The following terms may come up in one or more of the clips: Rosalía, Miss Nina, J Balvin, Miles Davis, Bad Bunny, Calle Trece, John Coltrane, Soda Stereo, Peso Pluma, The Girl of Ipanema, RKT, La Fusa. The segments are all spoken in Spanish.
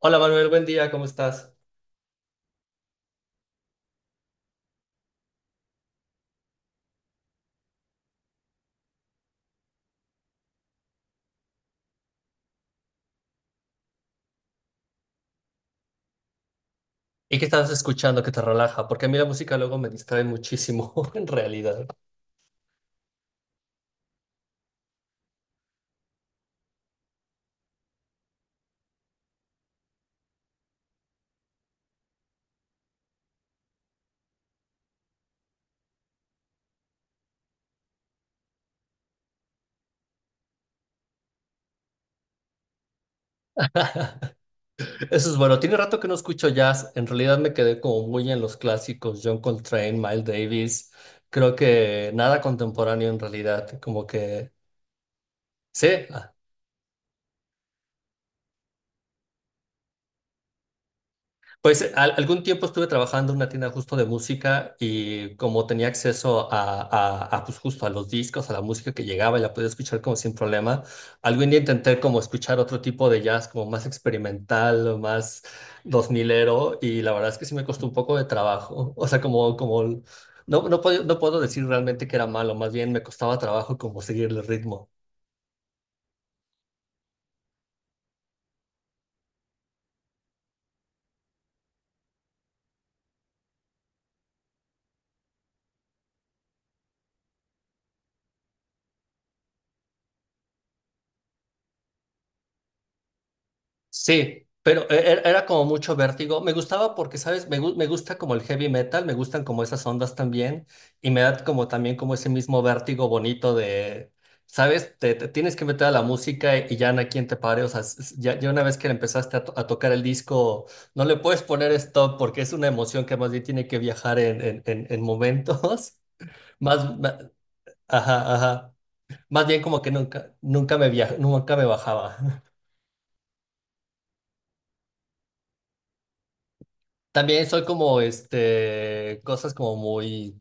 Hola Manuel, buen día, ¿cómo estás? ¿Y qué estás escuchando que te relaja? Porque a mí la música luego me distrae muchísimo, en realidad. Eso es bueno. Tiene rato que no escucho jazz. En realidad me quedé como muy en los clásicos: John Coltrane, Miles Davis. Creo que nada contemporáneo en realidad. Como que sí. ah, Pues algún tiempo estuve trabajando en una tienda justo de música y como tenía acceso a, pues justo a los discos, a la música que llegaba y la podía escuchar como sin problema. Algún día intenté como escuchar otro tipo de jazz, como más experimental o más dos milero, y la verdad es que sí me costó un poco de trabajo. O sea, como, como no puedo, no puedo decir realmente que era malo, más bien me costaba trabajo como seguir el ritmo. Sí, pero era como mucho vértigo. Me gustaba porque, ¿sabes? Me gusta como el heavy metal, me gustan como esas ondas también, y me da como también como ese mismo vértigo bonito de, ¿sabes? Te tienes que meter a la música y ya no hay quien te pare. O sea, ya una vez que empezaste a, a tocar el disco, no le puedes poner stop, porque es una emoción que más bien tiene que viajar en, en momentos. Más, ma- ajá, ajá. Más bien como que nunca nunca me bajaba. También soy como, cosas como muy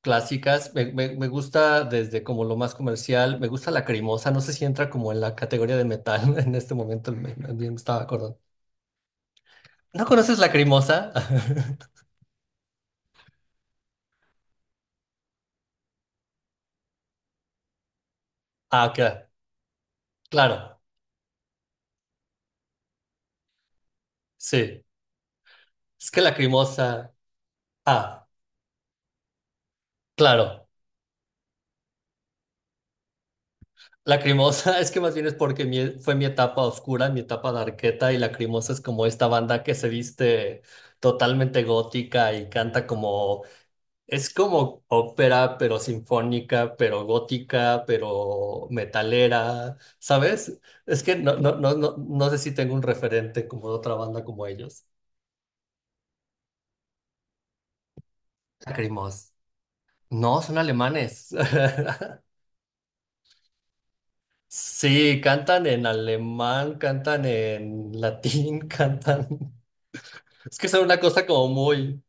clásicas. Me gusta desde como lo más comercial. Me gusta la cremosa. No sé si entra como en la categoría de metal en este momento. Me estaba acordando. ¿No conoces la cremosa? Ah, ok. Claro. Sí. Es que la cremosa. Ah, claro. La cremosa es que más bien es porque fue mi etapa oscura, mi etapa darketa, y la cremosa es como esta banda que se viste totalmente gótica y canta como... Es como ópera, pero sinfónica, pero gótica, pero metalera, ¿sabes? Es que no sé si tengo un referente como de otra banda como ellos. Lacrimos. No, son alemanes. Sí, cantan en alemán, cantan en latín, cantan. Es que es una cosa como muy...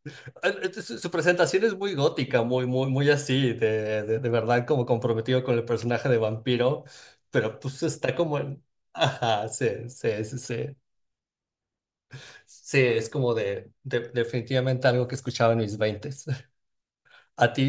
Su su presentación es muy gótica, muy así, de, de verdad, como comprometido con el personaje de vampiro, pero pues está como en... Ajá, sí. Sí, es como de, definitivamente algo que escuchaba en mis veintes. A ti,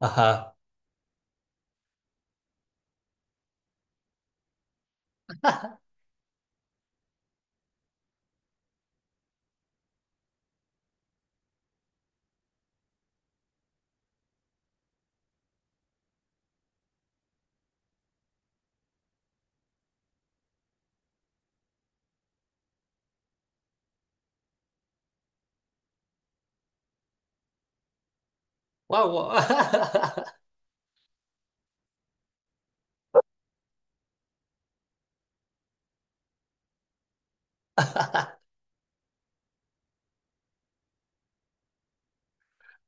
ajá. Guau, guau.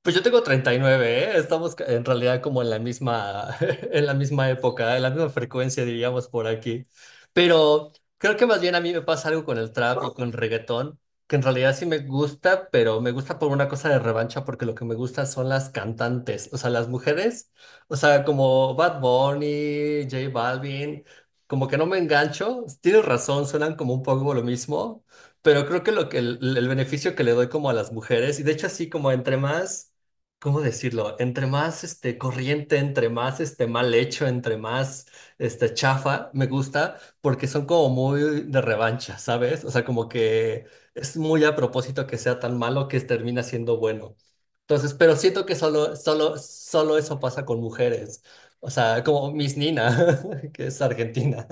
Pues yo tengo 39, ¿eh? Estamos en realidad como en la misma, en la misma época, en la misma frecuencia, diríamos, por aquí. Pero creo que más bien a mí me pasa algo con el trap y con el reggaetón, que en realidad sí me gusta, pero me gusta por una cosa de revancha, porque lo que me gusta son las cantantes, o sea, las mujeres, o sea, como Bad Bunny, J Balvin, como que no me engancho. Tienes razón, suenan como un poco como lo mismo, pero creo que lo que el beneficio que le doy como a las mujeres, y de hecho así como entre más... ¿Cómo decirlo? Entre más, este, corriente, entre más, este, mal hecho, entre más, este, chafa, me gusta, porque son como muy de revancha, ¿sabes? O sea, como que es muy a propósito que sea tan malo que termina siendo bueno. Entonces, pero siento que solo eso pasa con mujeres. O sea, como Miss Nina, que es argentina.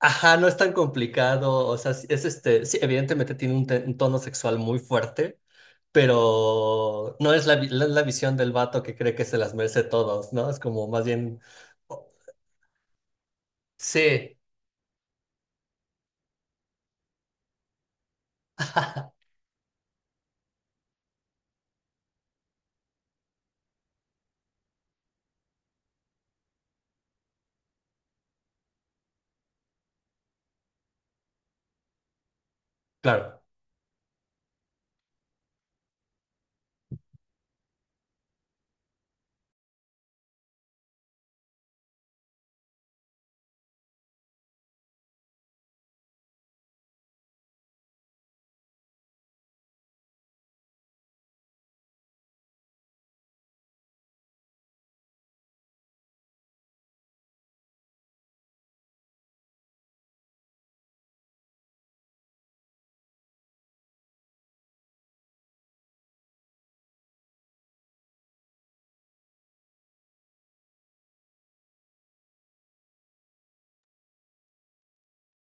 Ajá, no es tan complicado, o sea, sí, es, este, sí, evidentemente tiene un, un tono sexual muy fuerte, pero no es la, no es la visión del vato que cree que se las merece todos, ¿no? Es como más bien... oh, sí, claro.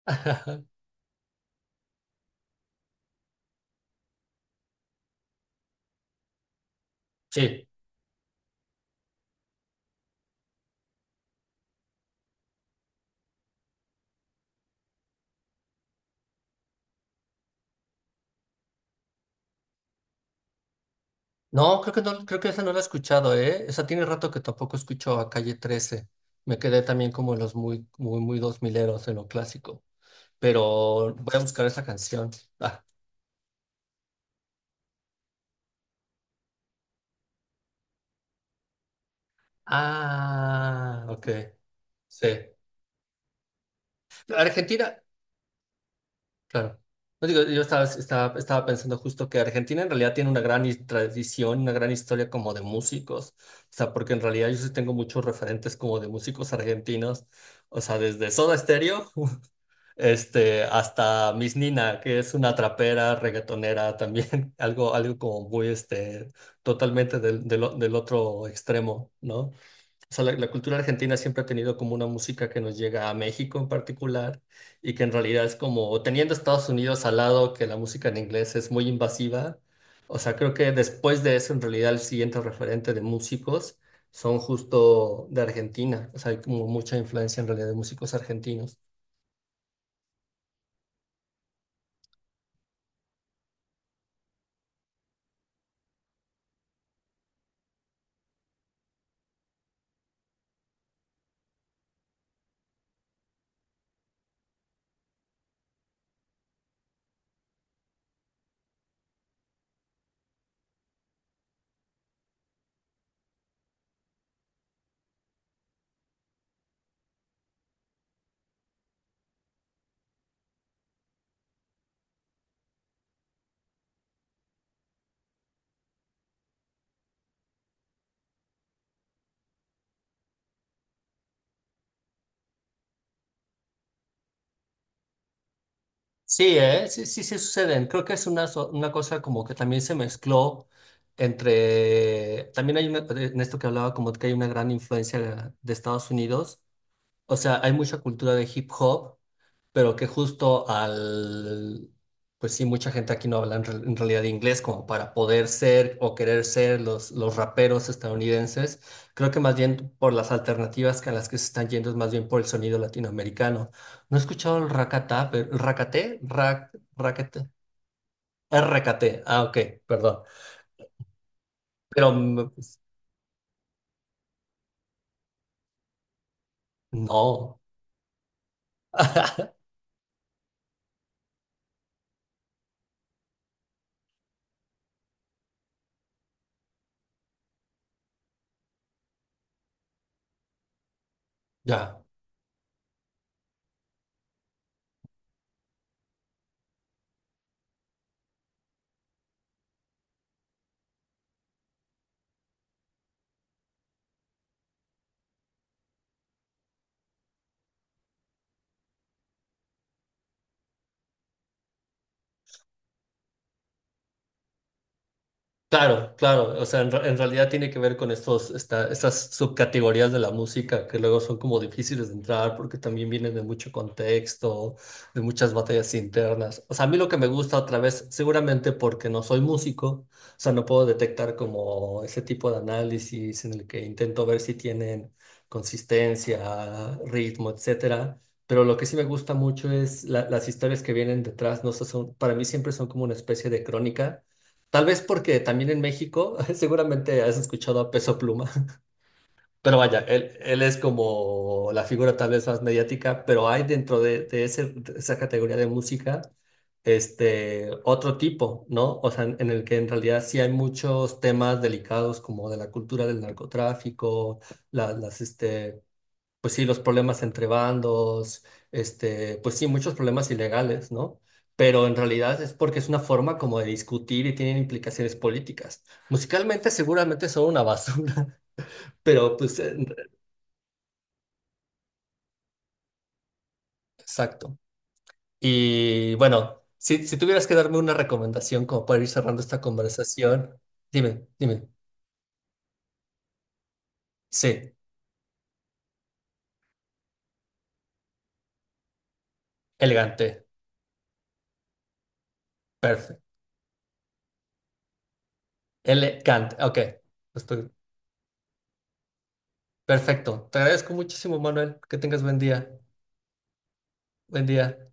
Sí. No, creo que no, creo que esa no la he escuchado, ¿eh? Esa tiene rato que tampoco escucho a Calle Trece. Me quedé también como en los muy dos mileros, en lo clásico. Pero voy a buscar esa canción. Ah, ah, ok. Sí. Argentina, claro. No digo, yo estaba pensando justo que Argentina en realidad tiene una gran tradición, una gran historia como de músicos. O sea, porque en realidad yo sí tengo muchos referentes como de músicos argentinos. O sea, desde Soda Stereo, este, hasta Miss Nina, que es una trapera, reggaetonera también, algo, algo como muy, este, totalmente del, del otro extremo, ¿no? O sea, la cultura argentina siempre ha tenido como una música que nos llega a México en particular, y que en realidad es como, teniendo Estados Unidos al lado, que la música en inglés es muy invasiva. O sea, creo que después de eso, en realidad el siguiente referente de músicos son justo de Argentina, o sea, hay como mucha influencia en realidad de músicos argentinos. Sí, ¿eh? Sí suceden. Creo que es una, una cosa como que también se mezcló entre, también hay una, en esto que hablaba, como que hay una gran influencia de Estados Unidos. O sea, hay mucha cultura de hip hop, pero que justo al... pues sí, mucha gente aquí no habla en, en realidad, inglés, como para poder ser o querer ser los raperos estadounidenses. Creo que más bien por las alternativas que a las que se están yendo es más bien por el sonido latinoamericano. No he escuchado el racata, pero, ¿racate? Raquete- RKT. Ah, ok, perdón. Pero mm, pues, no. Ya. Claro, claro, o sea, en, en realidad tiene que ver con estos, estas subcategorías de la música que luego son como difíciles de entrar, porque también vienen de mucho contexto, de muchas batallas internas. O sea, a mí lo que me gusta otra vez, seguramente porque no soy músico, o sea, no puedo detectar como ese tipo de análisis en el que intento ver si tienen consistencia, ritmo, etcétera. Pero lo que sí me gusta mucho es las historias que vienen detrás, no sé, son, para mí siempre son como una especie de crónica. Tal vez porque también en México, seguramente has escuchado a Peso Pluma, pero vaya, él es como la figura tal vez más mediática, pero hay dentro de ese, de esa categoría de música, este, otro tipo, ¿no? O sea, en el que en realidad sí hay muchos temas delicados, como de la cultura del narcotráfico, las, este, pues sí, los problemas entre bandos, este, pues sí, muchos problemas ilegales, ¿no? Pero en realidad es porque es una forma como de discutir, y tienen implicaciones políticas. Musicalmente seguramente son una basura, pero pues exacto. Y bueno, si, si tuvieras que darme una recomendación como para ir cerrando esta conversación, dime, dime. Sí, elegante, perfecto. Elegante, ok. Estoy- perfecto. Te agradezco muchísimo, Manuel. Que tengas buen día. Buen día.